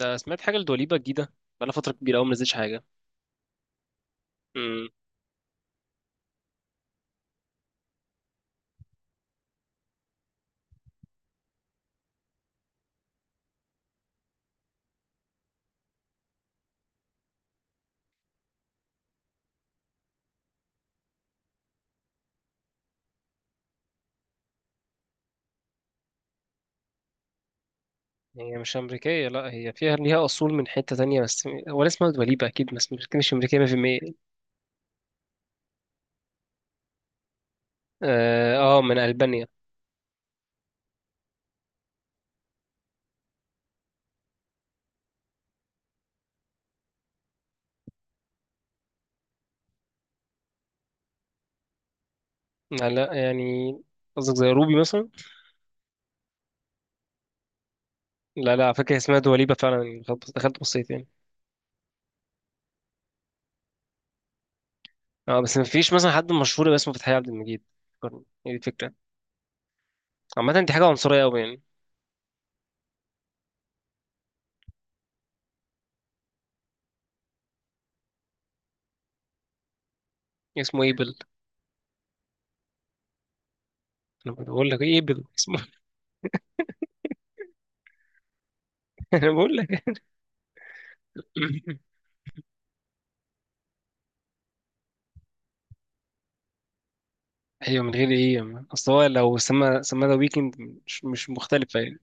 ده سمعت حاجة لدوليبة جديدة. بقالها فترة كبيرة أوي منزلتش حاجة. امم هي مش أمريكية، لأ، هي فيها ليها أصول من حتة تانية، بس هو اسمها دوليبة أكيد، بس مش أمريكية 100%. آه, آه، من ألبانيا. لا لا، يعني قصدك زي روبي مثلا. لا لا، على فكرة اسمها دوليبة فعلا، يعني دخلت بصيت يعني. اه، بس مفيش مثلا حد مشهور باسمه فتحي عبد المجيد. فكرني، هي دي الفكرة. عامة دي حاجة عنصرية أوي يعني. اسمه إيبل. أنا بقول لك إيه، إيبل اسمه. أنا بقول لك. ايوه، من غير ايه اصل هو لو سما ذا ويكند مش مختلفه يعني.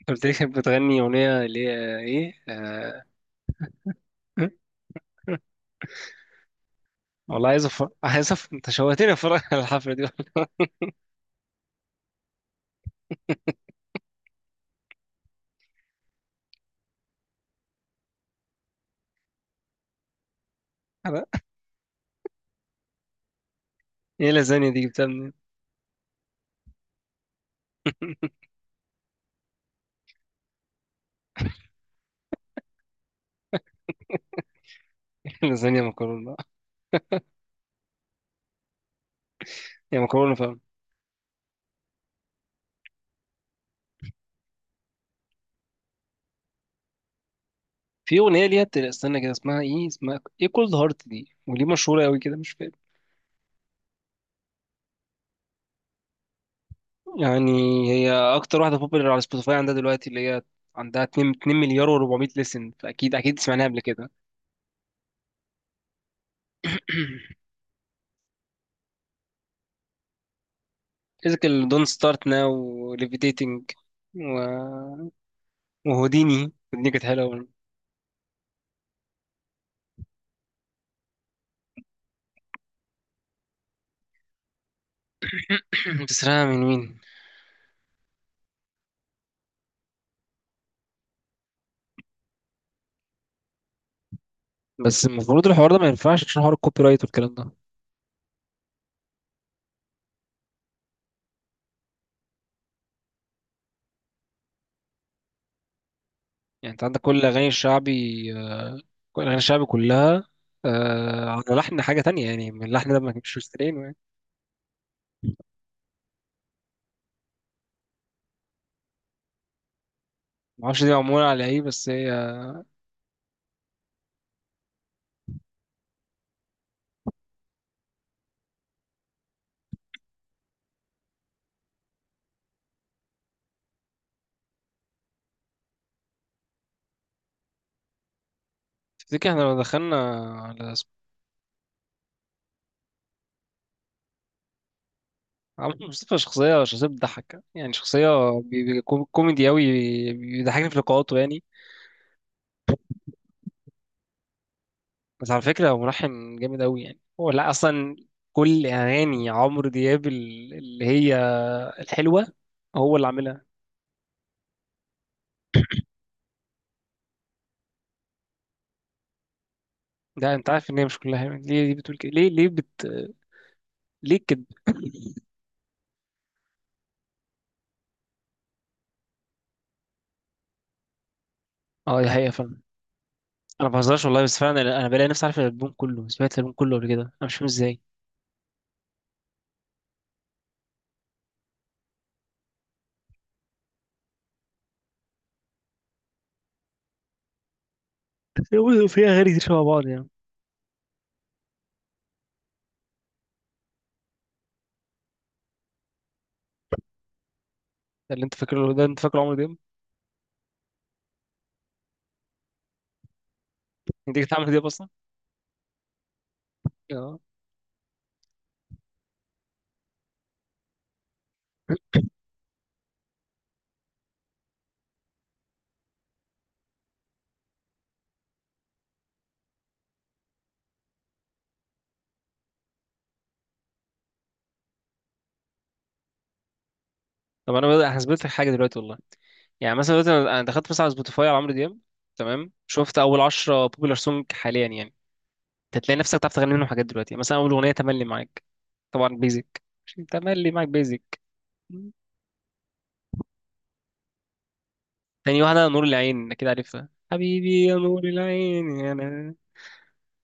انت قلت لي كانت بتغني اغنيه، اللي هي ايه؟ والله، انت شوهتني اتفرج على الحفله دي. والله. ايه اللازانيا دي جبتها منين؟ لازانيا مكرونه بقى. يا مكرونه، فاهم. في اغنيه ليها استنى كده، اسمها ايه؟ اسمها ايه؟ كولد هارت دي، وليه مشهوره قوي كده مش فاهم يعني. هي اكتر واحده بوبولار على سبوتيفاي عندها دلوقتي، اللي هي عندها 2 مليار و400 لسن، فاكيد اكيد سمعناها قبل كده. فيزيكال، دون ستارت ناو، وليفيتيتنج، و... وهوديني، هوديني كانت حلوه برضه. بتسرقها من مين؟ بس المفروض الحوار ده ما ينفعش عشان حوار الكوبي رايت والكلام ده. يعني انت عندك كل الاغاني الشعبي، آه، كل الاغاني الشعبي كلها، آه، على لحن حاجه تانية، يعني من اللحن ده ما كانش مستلقينه يعني. ما اعرفش دي معموله على ايه، بس هي... تفتكر احنا لو دخلنا على اسم- عمرو مصطفى، شخصية، شخصية بتضحك يعني، شخصية كوميدي أوي، بيضحكني في لقاءاته يعني. بس على فكرة هو ملحن جامد أوي يعني، هو لا، أصلا كل أغاني عمرو دياب اللي هي الحلوة هو اللي عاملها. ده أنت عارف إن هي مش كلها يعني. ليه، ليه بتقول كده؟ ليه كده؟ أه، دي حقيقة فعلا. أنا ما بهزرش والله، بس فعلا أنا بلاقي نفسي عارف الألبوم كله، سمعت الألبوم كله قبل كده، أنا مش فاهم إزاي. هو في أغاني كتير شبه بعض يعني. ده اللي أنت فاكره، ده أنت فاكره عمرو دياب. أنت كنت عامل دياب أصلا؟ أه. طب أنا بدأ هثبت لك حاجة دلوقتي والله. يعني مثلا دلوقتي أنا دخلت مثلا على سبوتيفاي على عمرو دياب. تمام، شفت أول 10 بوبولار سونج حاليا يعني. انت تلاقي نفسك بتعرف تغني منهم حاجات دلوقتي. مثلا اول اغنيه تملي معاك. طبعا بيزك. تملي معاك، بيزك. تاني واحده نور العين، اكيد عارفها، حبيبي يا نور العين، يا انا،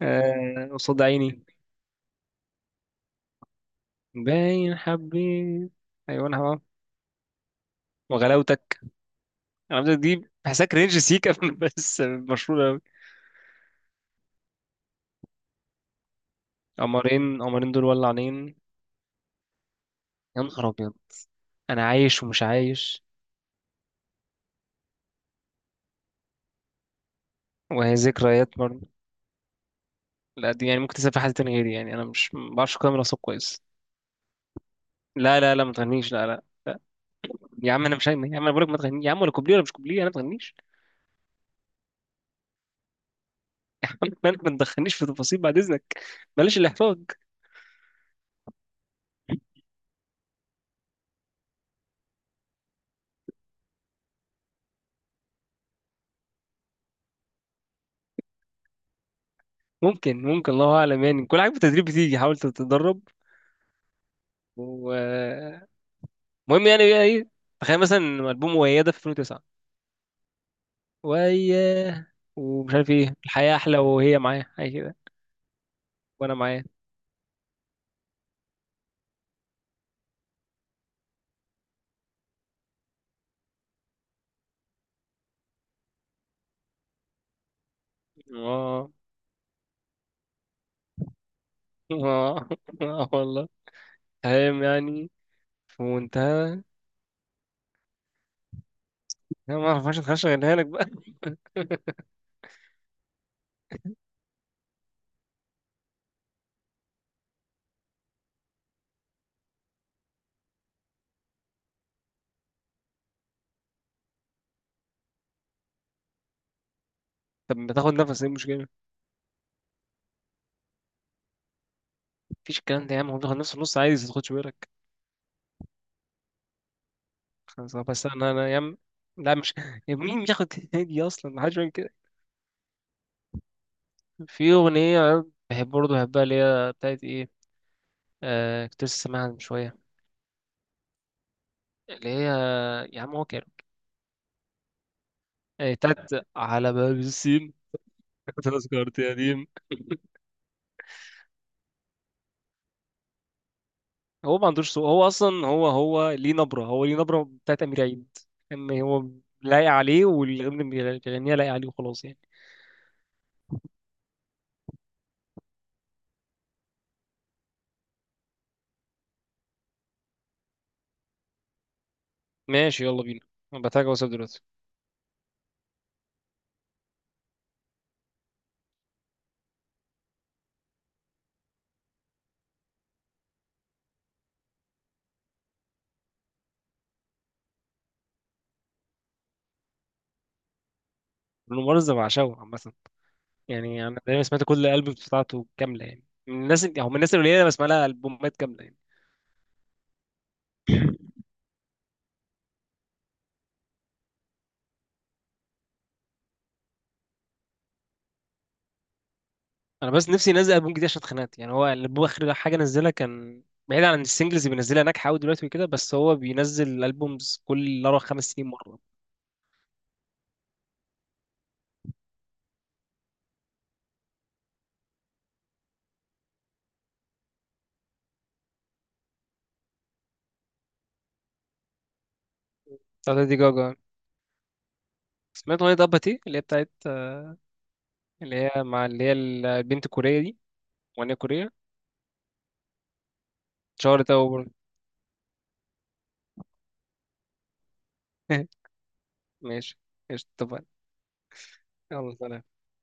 آه، قصاد عيني. باين حبيت. ايوه انا هبقى. وغلاوتك. انا عارف دي بحسها كرينج سيكا، بس مشهوره قوي. قمرين، قمرين دول ولعانين. يا نهار ابيض. انا عايش ومش عايش. وهي ذكريات برضه. لا، دي يعني ممكن تسافر حد تاني غيري يعني، انا مش، ما بعرفش اقيم الاصوات كويس. لا لا لا، ما تغنيش، لا لا لا. يا عم انا مش هغني، يا عم انا بقولك ما تغنيش يا عم، ولا كوبليه ولا مش كوبليه، انا ما تغنيش. مالك، ما تدخلنيش في تفاصيل بعد اذنك. بلاش الاحراج. ممكن الله اعلم يعني، كل حاجه بالتدريب بتيجي، حاول تتدرب ومهم. يعني بقى ايه؟ تخيل مثلا البوم وياده في 2009، وياه، ومش عارف ايه، الحياه احلى، وهي معايا، حاجه كده، وانا معايا. اه، اه، اه والله. تمام يعني، في منتهى. انا ما اعرفش، اتخش اغنيها لك بقى. طب بتاخد نفس، ايه المشكله؟ مفيش الكلام ده يا عم، هو بياخد نفس النص عادي، ما تاخدش بالك. خلاص، بس انا يا عم. لا مش... يا مين بياخد هدية اصلا؟ ما حدش بيعمل كده. في اغنيه بحب برضه بحبها، اللي هي بتاعت ايه؟ كنت لسه سامعها من شويه. اللي هي، يا عم هو كان، آه، بتاعت على باب السين. تذكرة، قديم. هو ما عندوش صوت، هو اصلا هو ليه نبره، هو ليه نبره بتاعت امير عيد. اما هو لايق عليه، والأغنية اللي بيغنيها لايق عليه وخلاص يعني. ماشي، يلا بينا. انا بتاعك واساب دلوقتي. لونه مرز، بعشقه عامة. يعني انا دايما سمعت كل الالبومز بتاعته كامله يعني، من الناس، او من الناس القليله اللي بسمع لها البومات كامله يعني. انا بس نفسي ينزل البوم جديد عشان اتخنقت يعني، هو الالبوم اخر حاجه نزلها كان بعيد عن السنجلز اللي بينزلها ناجحه قوي دلوقتي وكده، بس هو بينزل الالبومز كل اربع خمس سنين مره. بتاعت ليدي جاجا. سمعت اغنيه اباتي اللي هي بتاعت، اللي هي مع اللي هي البنت الكوريه دي، اغنيه كوريه. شهرت قوي برضه. ماشي، قشطة، اتفقنا. يلا، سلام.